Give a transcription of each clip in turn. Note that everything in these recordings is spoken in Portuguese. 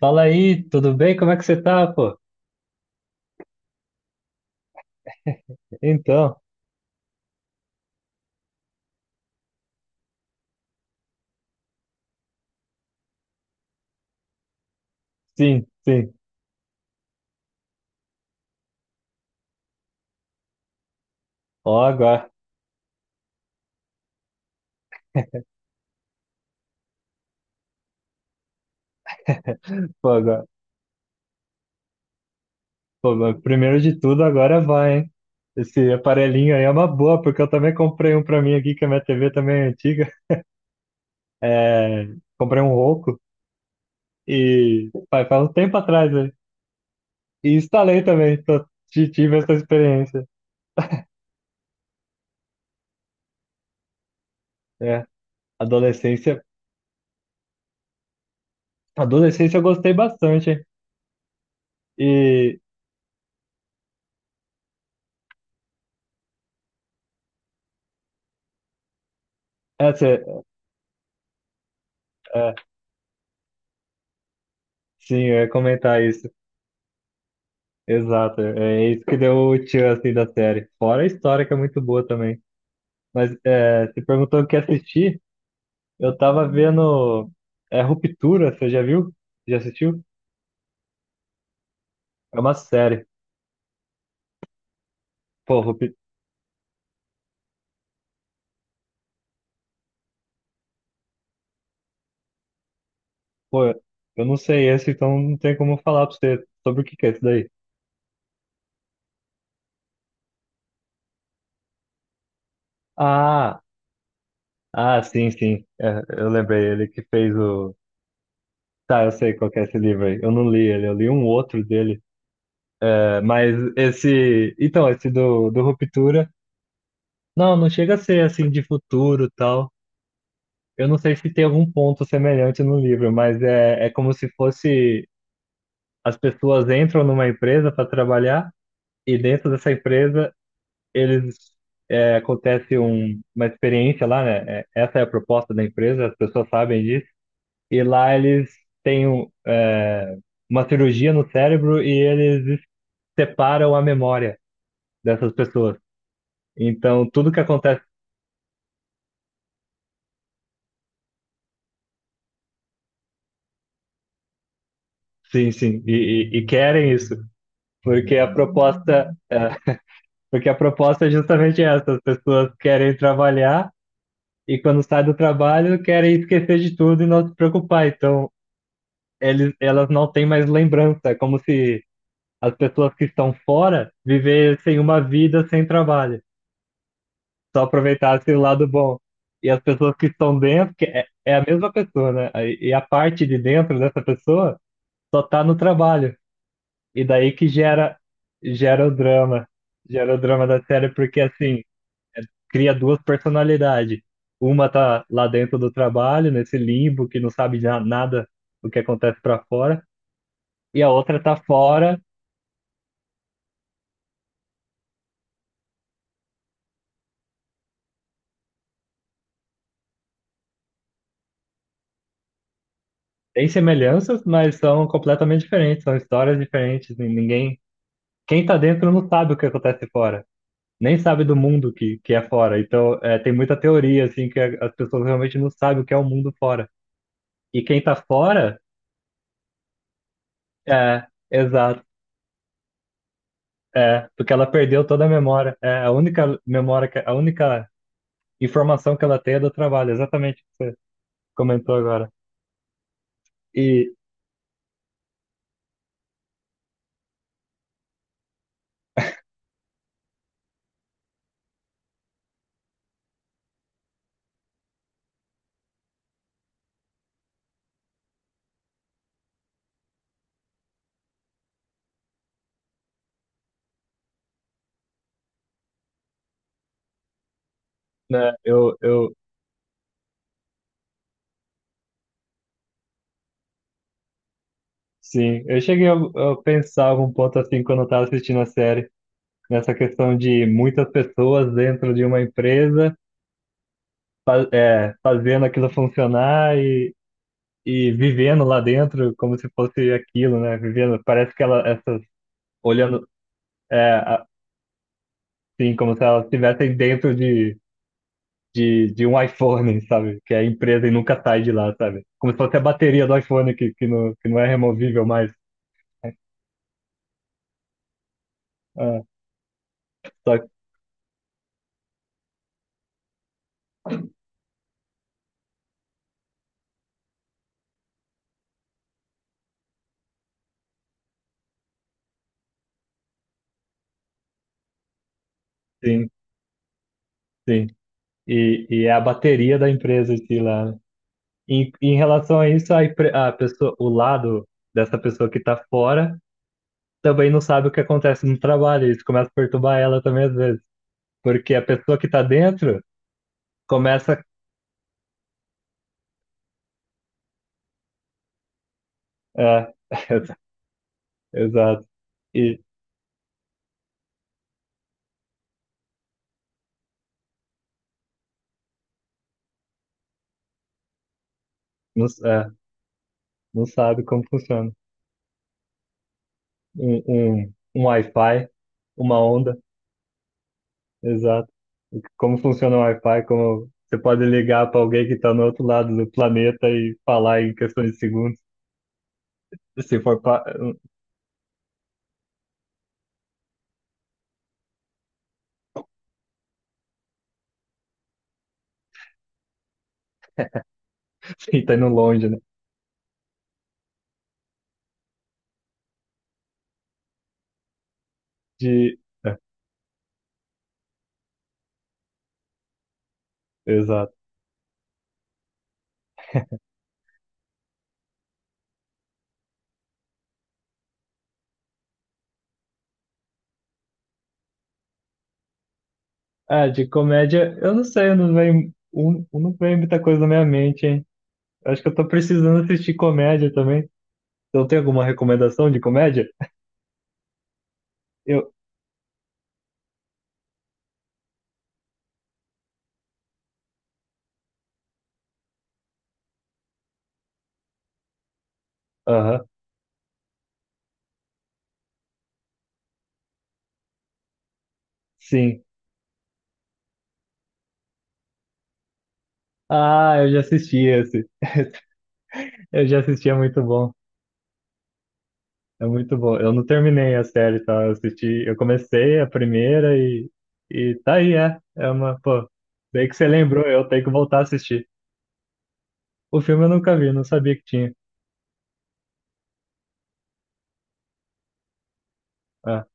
Fala aí, tudo bem? Como é que você tá, pô? Então, sim, sim. Ó, agora, pô, mas primeiro de tudo, agora vai, hein? Esse aparelhinho aí é uma boa, porque eu também comprei um pra mim aqui, que a minha TV também é antiga. É, comprei um Roku e faz um tempo atrás, né? E instalei também, tive essa experiência. É, adolescência, adolescência eu gostei bastante, hein? E essa, é, sim, eu ia comentar isso. Exato, é isso que deu o tchan assim da série. Fora a história que é muito boa também. Mas é, você perguntou o que assistir, eu tava vendo é Ruptura, você já viu? Já assistiu? É uma série. Pô, Rupi... Pô, eu não sei esse, então não tem como falar pra você sobre o que que é isso daí. Ah, ah, sim, sim. É, eu lembrei, ele que fez o. Tá, eu sei qual que é esse livro aí. Eu não li ele, eu li um outro dele. É, mas esse. Então, esse do Ruptura. Não, não chega a ser assim de futuro e tal. Eu não sei se tem algum ponto semelhante no livro, mas é como se fosse as pessoas entram numa empresa para trabalhar e dentro dessa empresa eles acontece uma experiência lá, né? É, essa é a proposta da empresa, as pessoas sabem disso e lá eles têm uma cirurgia no cérebro e eles separam a memória dessas pessoas. Então tudo que acontece, sim, sim, e querem isso. Porque a proposta, é, Porque a proposta é justamente essa, as pessoas querem trabalhar e quando saem do trabalho querem esquecer de tudo e não se preocupar. Então, elas não têm mais lembrança, é como se as pessoas que estão fora vivessem uma vida sem trabalho, só aproveitassem o lado bom. E as pessoas que estão dentro, que é a mesma pessoa, né? E a parte de dentro dessa pessoa só está no trabalho. E daí que gera o drama. Gera o drama da série, porque assim, é- cria duas personalidades. Uma tá lá dentro do trabalho, nesse limbo, que não sabe nada do que acontece pra fora, e a outra tá fora. Tem semelhanças, mas são completamente diferentes, são histórias diferentes. Quem tá dentro não sabe o que acontece fora, nem sabe do mundo que é fora. Então, tem muita teoria assim que as pessoas realmente não sabem o que é o mundo fora. E quem tá fora, é, exato. É, porque ela perdeu toda a memória. É, a única informação que ela tem é do trabalho, exatamente o que você comentou agora. E, né, sim, eu cheguei a pensar algum ponto assim quando eu estava assistindo a série, nessa questão de muitas pessoas dentro de uma empresa, fazendo aquilo funcionar e vivendo lá dentro como se fosse aquilo, né? Vivendo, parece que ela, essas, olhando, é, assim, como se elas estivessem dentro de de um iPhone, sabe? Que é a empresa e nunca sai de lá, sabe? Como se fosse a bateria do iPhone que não, que não é removível mais. Ah, só que sim, sim. E é a bateria da empresa em si lá. Em relação a isso, a pessoa, o lado dessa pessoa que tá fora também não sabe o que acontece no trabalho. Isso começa a perturbar ela também às vezes. Porque a pessoa que tá dentro começa. É, exato. E não, não sabe como funciona. Um Wi-Fi, uma onda, exato. Como funciona o Wi-Fi, como você pode ligar para alguém que está no outro lado do planeta e falar em questões de segundos, se for pa... se está indo longe, né? De... é, exato. Ah, de comédia, eu não sei, eu não vem, não vem muita coisa na minha mente, hein? Acho que eu tô precisando assistir comédia também. Então tem alguma recomendação de comédia? Eu, aham, sim. Ah, eu já assisti esse. Eu já assisti, é muito bom. É muito bom. Eu não terminei a série, tá? Eu assisti, eu comecei a primeira e tá aí. Pô, daí que você lembrou, eu tenho que voltar a assistir. O filme eu nunca vi, não sabia que tinha. Ah,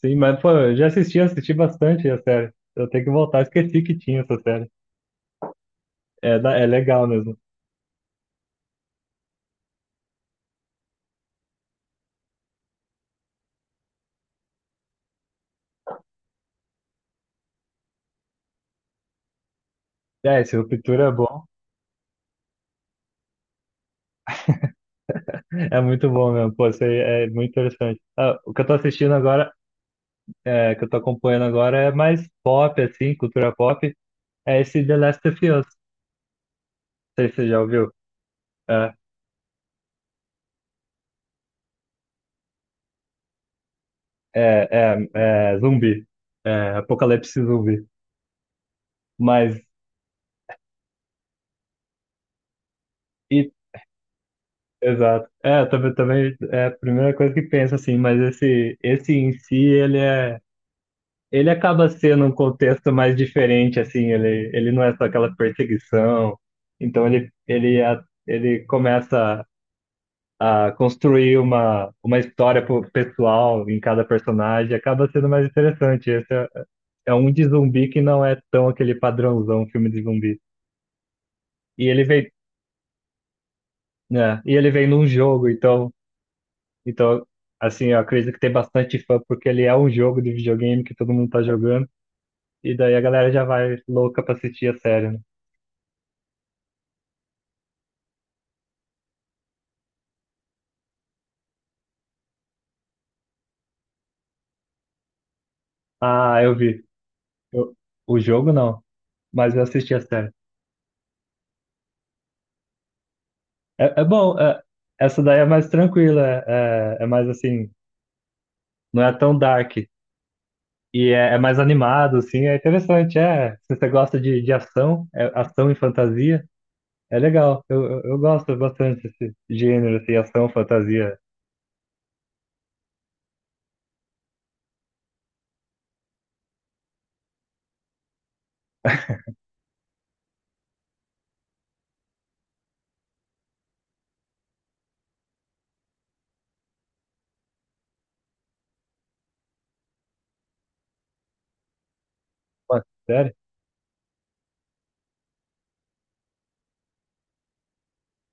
sim, mas, pô, eu já assisti, eu assisti bastante a série. Eu tenho que voltar, esqueci que tinha essa série. É, é legal mesmo. É, esse Ruptura é bom. É muito bom mesmo, pô, isso aí é muito interessante. Ah, o que eu tô assistindo agora, que eu tô acompanhando agora é mais pop, assim, cultura pop, é esse The Last of Us. Não sei se você já ouviu. É, é, é zumbi. É, apocalipse zumbi. Mas, e, Exato. É, também é a primeira coisa que penso, assim, mas esse em si, ele é. Ele acaba sendo um contexto mais diferente, assim, ele não é só aquela perseguição. Então ele começa a construir uma história pessoal em cada personagem, acaba sendo mais interessante. Esse é um de zumbi que não é tão aquele padrãozão filme de zumbi. E ele veio, né, e ele veio num jogo, então, assim, eu acredito que tem bastante fã, porque ele é um jogo de videogame que todo mundo tá jogando, e daí a galera já vai louca pra assistir a série, né? Ah, eu vi. Eu- o jogo não, mas eu assisti a série. É, é bom, essa daí é mais tranquila, é mais assim, não é tão dark. E é mais animado, assim, é interessante. Se você gosta de ação, é ação e fantasia. É legal, eu gosto bastante desse gênero, assim, ação, fantasia. Ué, sério?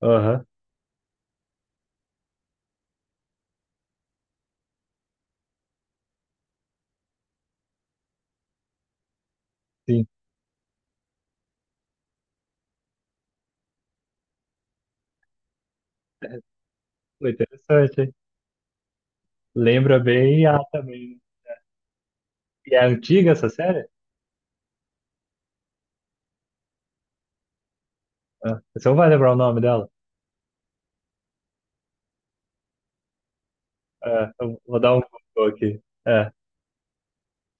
Aham, sim. Foi interessante, hein? Lembra bem a também. E é antiga essa série? Ah, você não vai lembrar o nome dela? É, eu vou dar um Google aqui. É,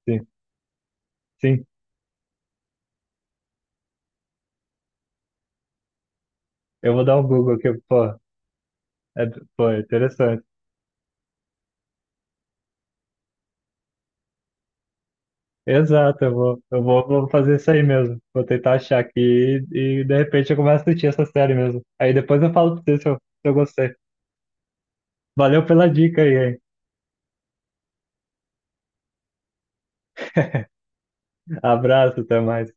sim, sim. Eu vou dar um Google aqui, pô. É, pô, é interessante. Exato, vou fazer isso aí mesmo. Vou tentar achar aqui e de repente eu começo a assistir essa série mesmo. Aí depois eu falo pra você se eu gostei. Valeu pela dica aí, hein? Abraço, até mais.